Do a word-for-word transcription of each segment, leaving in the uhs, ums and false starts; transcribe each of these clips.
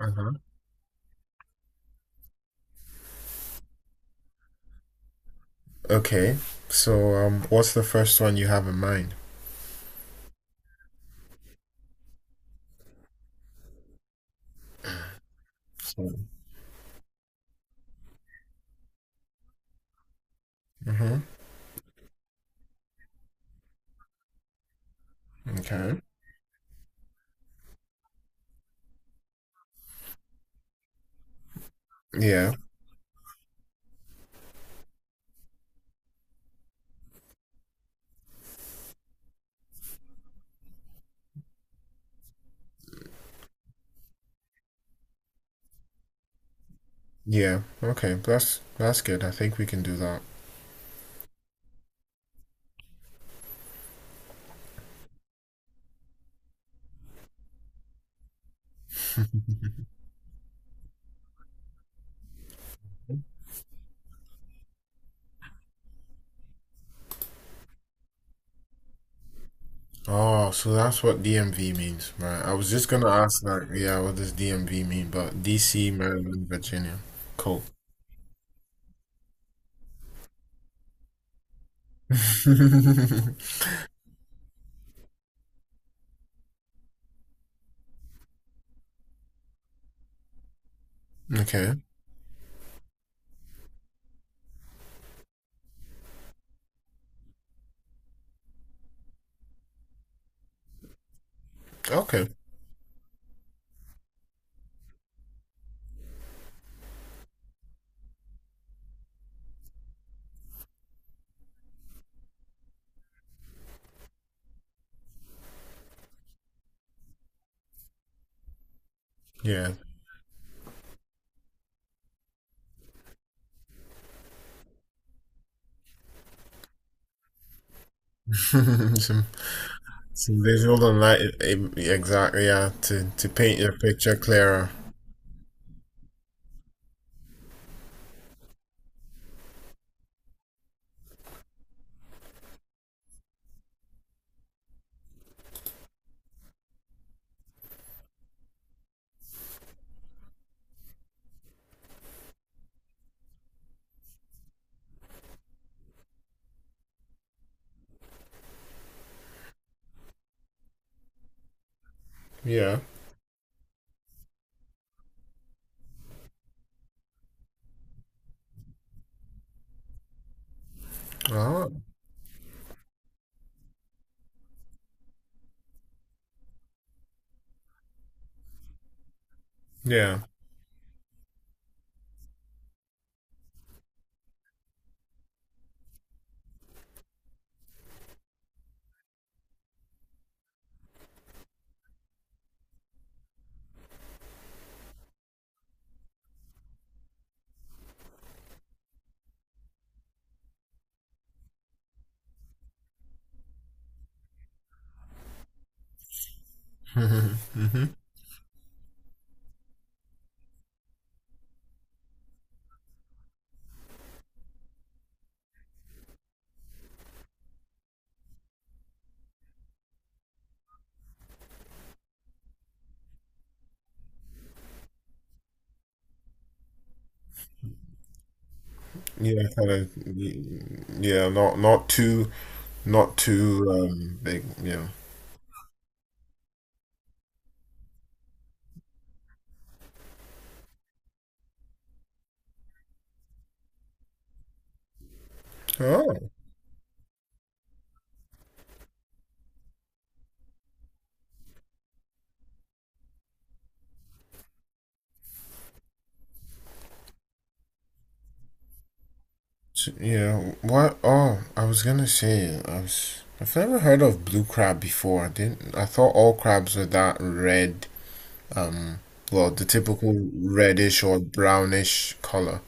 Uh-huh. Okay. So, um, what's the first one you have in mind? So, Mm-hmm. Okay. Yeah. Yeah. Okay. That's that's good. I think we can do that. Oh, so that's what D M V means, right? I was just gonna ask that. Yeah, what does D M V mean? But D C, Maryland, Virginia. Cool. Okay. Okay. Yeah. Some some visual and light. Exactly. Yeah. To to paint your picture clearer. Yeah. Oh. Yeah. Hmm hmm. Yeah, kind of. Yeah, not not too not too um big. Yeah. Oh, s- yeah. What? Oh, I was gonna say I was. I've never heard of blue crab before. I didn't. I thought all crabs were that red. Um. Well, the typical reddish or brownish color.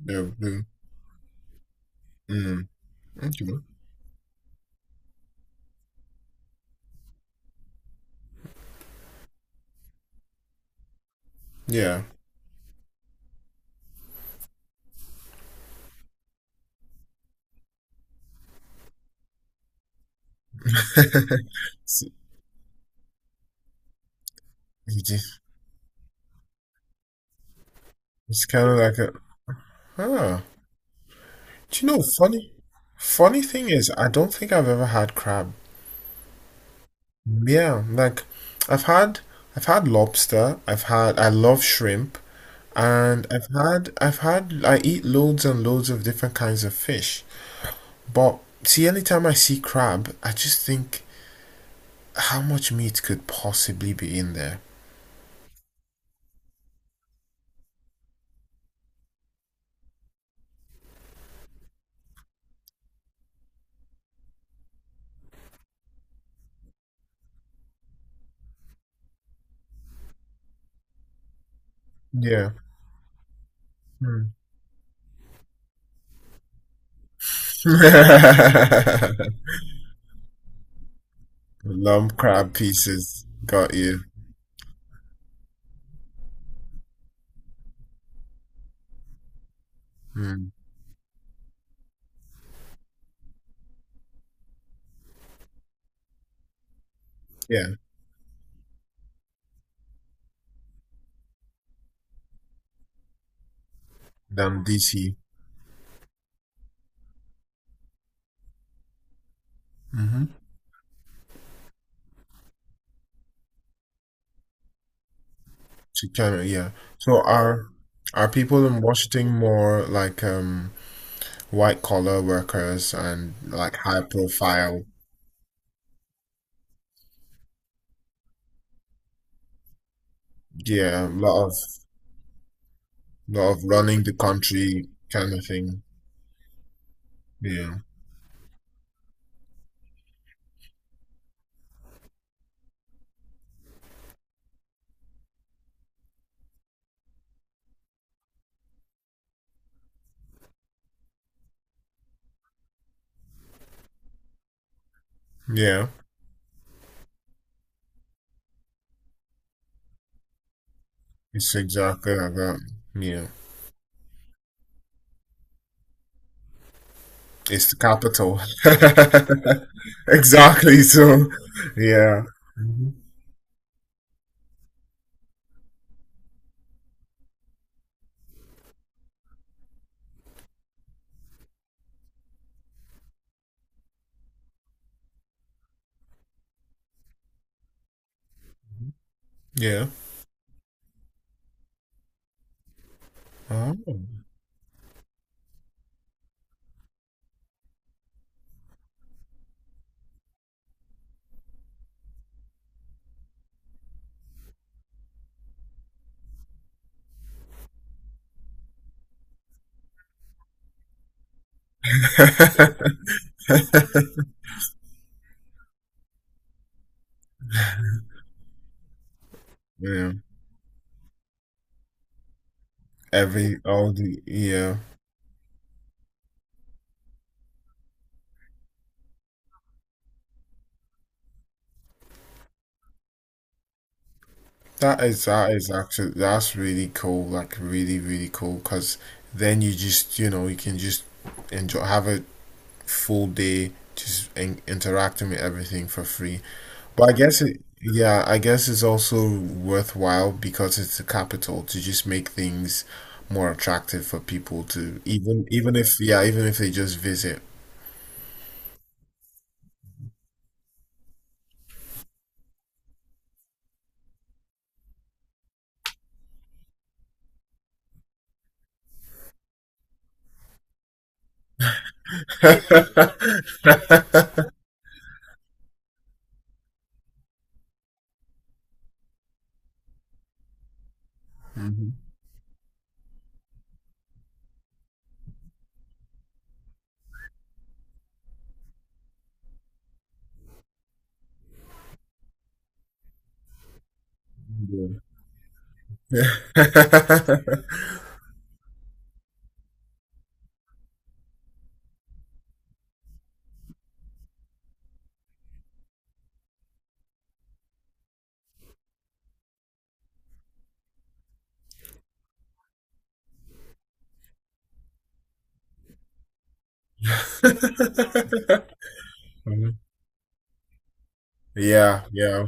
They're blue. Mm. Okay. Yeah. It's, it's kind of like a. Huh. Do you know funny? Funny thing is, I don't think I've ever had crab. Yeah, like I've had I've had lobster, I've had I love shrimp, and I've had I've had I eat loads and loads of different kinds of fish. But see, anytime I see crab, I just think how much meat could possibly be in there? Yeah. Hmm. Lump crab pieces. Got you. Hmm. Yeah, damn D C. She can, yeah. So are are people in Washington more like um white collar workers and like high profile? Yeah, a lot of lot of running the country kind of thing. Yeah. Yeah. It's exactly like that. Yeah. It's the capital. Exactly. So yeah. Mhm. Yeah. Oh. Yeah. Every all the yeah. That is that is actually that's really cool, like really really cool, because then you just you know you can just enjoy have a full day just in, interacting with everything for free. But I guess it yeah I guess it's also worthwhile because it's the capital to just make things more attractive for people to even even if yeah even if they just visit. Hmm. Yeah. Yeah, yeah.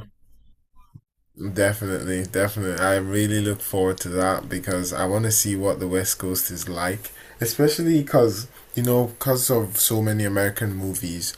Definitely, definitely. I really look forward to that because I want to see what the West Coast is like, especially because, you know, because of so many American movies,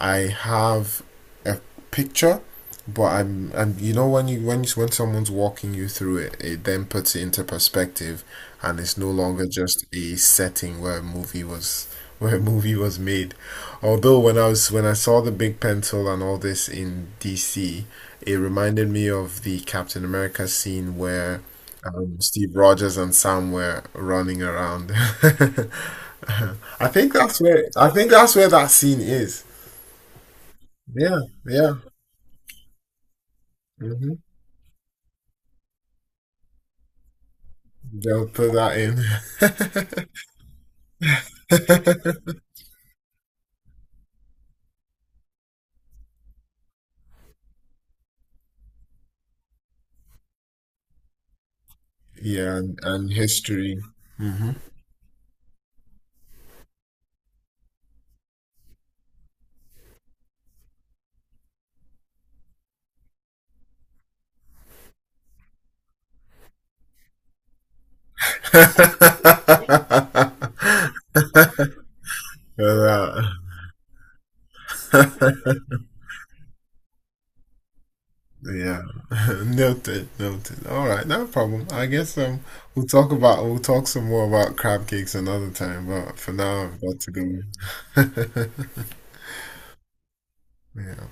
I have a picture, but I'm and you know when you when you, when someone's walking you through it, it then puts it into perspective, and it's no longer just a setting where a movie was where a movie was made. Although when I was when I saw the big pencil and all this in D C, it reminded me of the Captain America scene where um, Steve Rogers and Sam were running around. I think that's where I think that's where that scene is. Yeah, yeah. Mhm. They'll put that in. Yeah, and, and history. Mm-hmm. Uh, yeah, noted, noted. All right, no problem. I guess um, we'll talk about we'll talk some more about crab cakes another time. But for now, I've got to go. yeah.